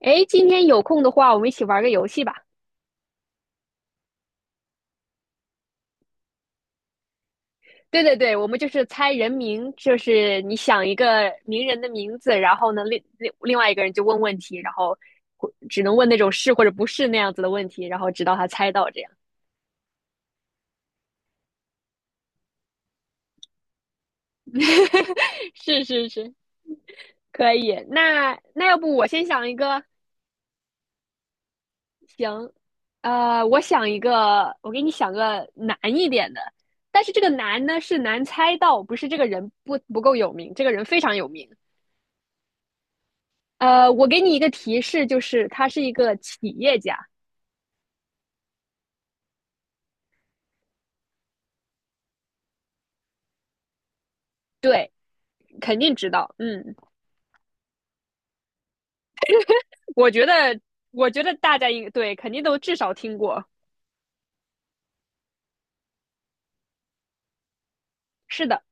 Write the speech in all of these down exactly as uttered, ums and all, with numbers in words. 哎，今天有空的话，我们一起玩个游戏吧。对对对，我们就是猜人名，就是你想一个名人的名字，然后呢，另另另外一个人就问问题，然后或只能问那种是或者不是那样子的问题，然后直到他猜到这样。是是是，可以。那那要不我先想一个，能？呃，我想一个，我给你想个难一点的，但是这个难呢是难猜到，不是这个人不不够有名，这个人非常有名。呃，我给你一个提示，就是他是一个企业家，对，肯定知道。嗯，我觉得，我觉得大家应对肯定都至少听过。是的，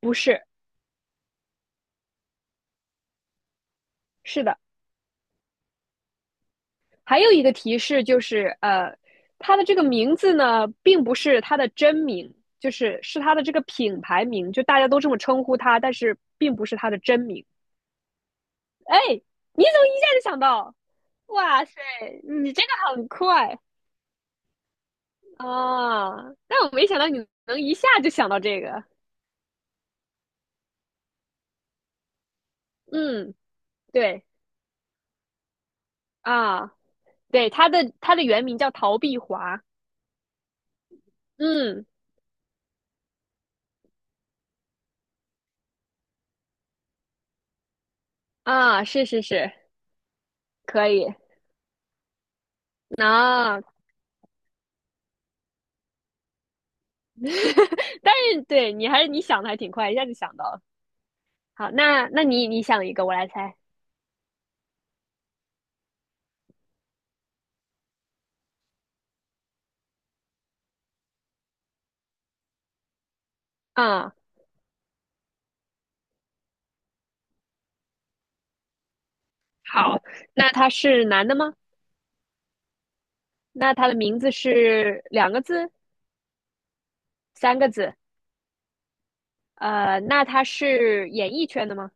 不是，是的。还有一个提示就是，呃，他的这个名字呢，并不是他的真名，就是是他的这个品牌名，就大家都这么称呼他，但是并不是他的真名。哎，你怎么一下就想到？哇塞，你这个很快！啊，但我没想到你能一下就想到这个。嗯，对啊，对，他的他的原名叫陶碧华。嗯啊，是是是，可以啊。但是对你还是你想的还挺快，一下就想到了。好，那那你你想一个，我来猜。啊，好，那他是男的吗？那他的名字是两个字、三个字？呃，那他是演艺圈的吗？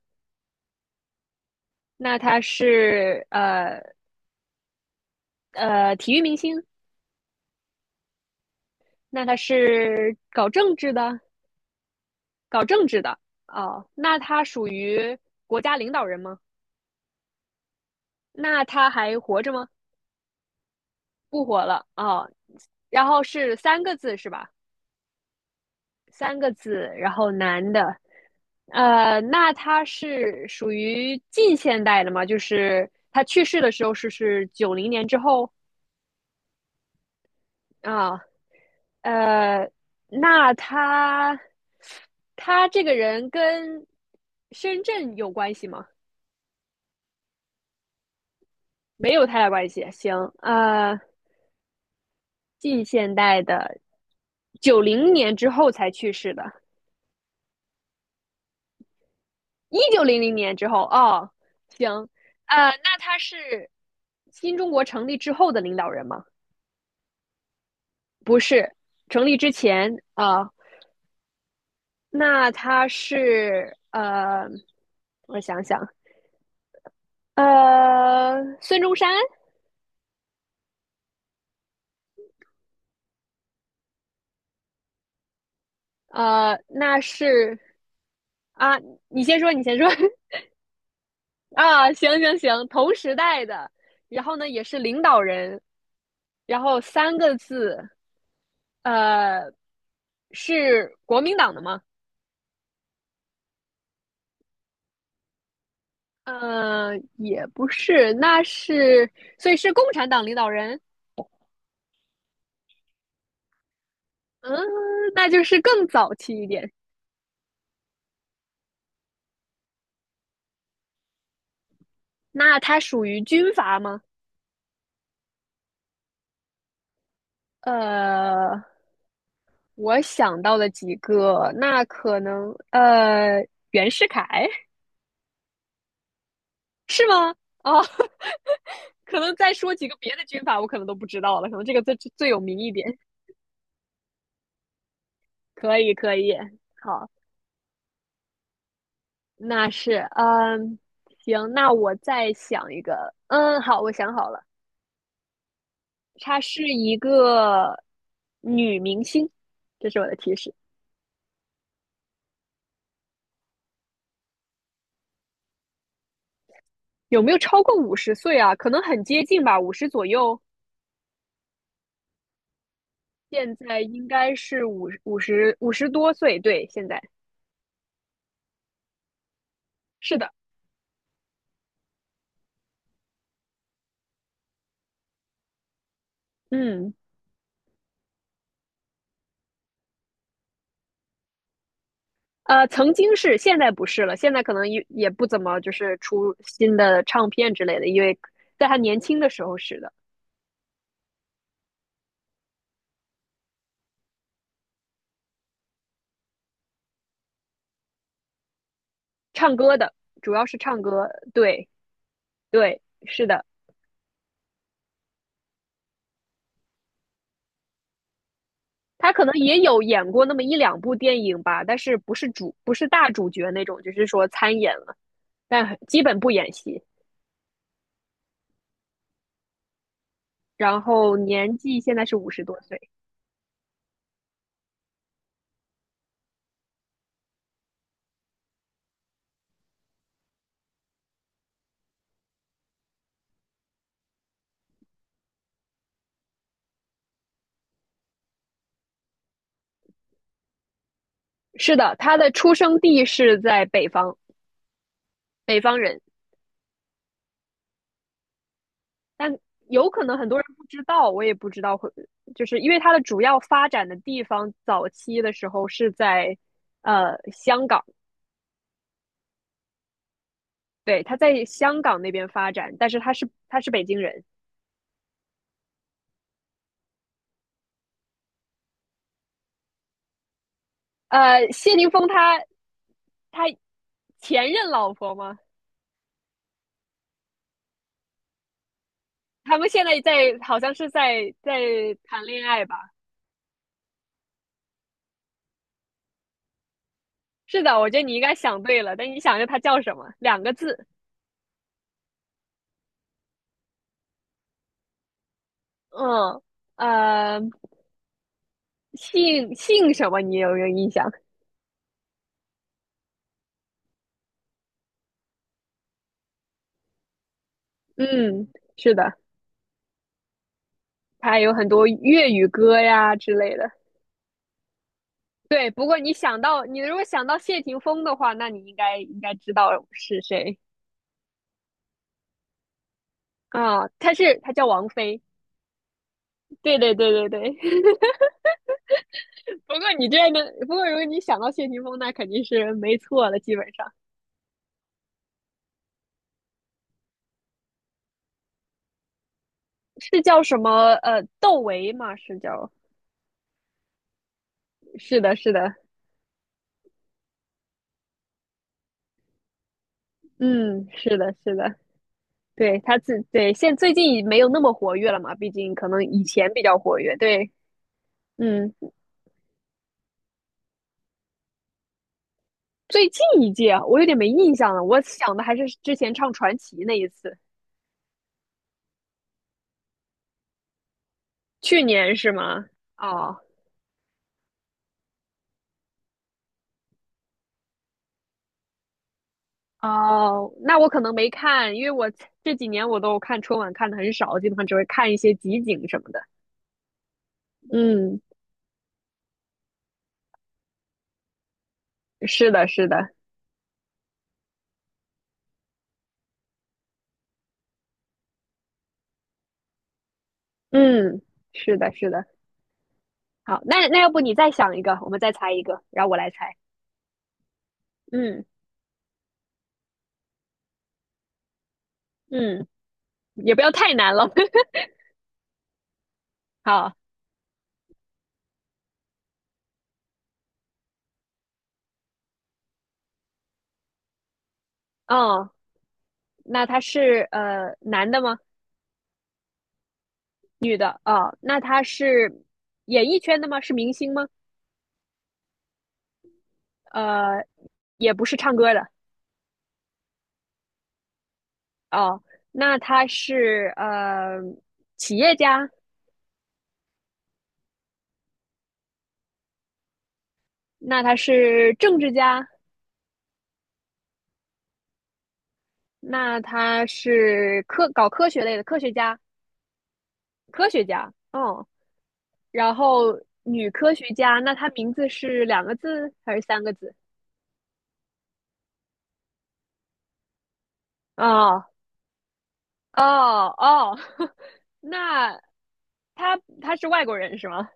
那他是呃呃体育明星？那他是搞政治的，搞政治的哦。那他属于国家领导人吗？那他还活着吗？不活了哦。然后是三个字是吧？三个字，然后男的，呃，那他是属于近现代的吗？就是他去世的时候是是九零年之后啊，呃，那他他这个人跟深圳有关系吗？没有太大关系。行，呃，近现代的，九零年之后才去世的，一九零零年之后。哦，行，呃，那他是新中国成立之后的领导人吗？不是，成立之前啊、呃那他是呃，我想想，呃，孙中山，呃，那是啊，你先说，你先说 啊，行行行，同时代的。然后呢，也是领导人。然后三个字，呃，是国民党的吗？呃，也不是，那是，所以是共产党领导人。嗯，那就是更早期一点。那它属于军阀吗？呃，我想到了几个，那可能呃，袁世凯是吗？哦，可能再说几个别的军阀，我可能都不知道了，可能这个最最有名一点。可以，可以，好，那是，嗯，行，那我再想一个。嗯，好，我想好了，她是一个女明星，这是我的提示。有没有超过五十岁啊？可能很接近吧，五十左右。现在应该是五五十五十多岁，对，现在是的，嗯，呃，曾经是，现在不是了，现在可能也也不怎么就是出新的唱片之类的，因为在他年轻的时候是的，唱歌的，主要是唱歌，对。对，是的，他可能也有演过那么一两部电影吧，但是不是主，不是大主角那种，就是说参演了，但很基本不演戏。然后年纪现在是五十多岁，是的，他的出生地是在北方，北方人，但有可能很多人不知道，我也不知道会，就是因为他的主要发展的地方，早期的时候是在呃香港，对，他在香港那边发展，但是他是他是北京人。呃，谢霆锋他他前任老婆吗？他们现在在好像是在在谈恋爱吧？是的，我觉得你应该想对了，但你想一下他叫什么？两个字，嗯呃，姓姓什么？你有没有印象？嗯，是的，他有很多粤语歌呀之类的。对，不过你想到你如果想到谢霆锋的话，那你应该应该知道是谁啊？他是他叫王菲。对对对对对，不过你这样的，不过如果你想到谢霆锋，那肯定是没错了。基本上是叫什么呃窦唯吗？是叫是的，是的，嗯，是的，是的，对，他自对，现最近已没有那么活跃了嘛，毕竟可能以前比较活跃，对，嗯，最近一届啊我有点没印象了，我想的还是之前唱传奇那一次，去年是吗？哦哦，那我可能没看，因为我这几年我都看春晚看的很少，基本上只会看一些集锦什么的。嗯，是的，是的，嗯，是的，是的。好，那那要不你再想一个，我们再猜一个，然后我来猜。嗯嗯，也不要太难了。好，哦，那他是呃男的吗？女的？哦，那他是演艺圈的吗？是明星吗？呃，也不是唱歌的。哦，那他是呃企业家？那他是政治家？那他是科搞科学类的科学家？科学家？哦，然后女科学家，那她名字是两个字还是三个字？哦哦哦，那她她是外国人是吗？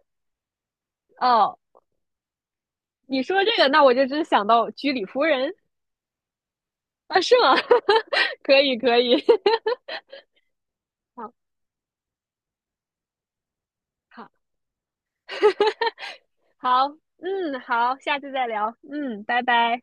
哦，你说这个，那我就真想到居里夫人啊，是吗？可以可以，好好好，嗯，好，下次再聊，嗯，拜拜。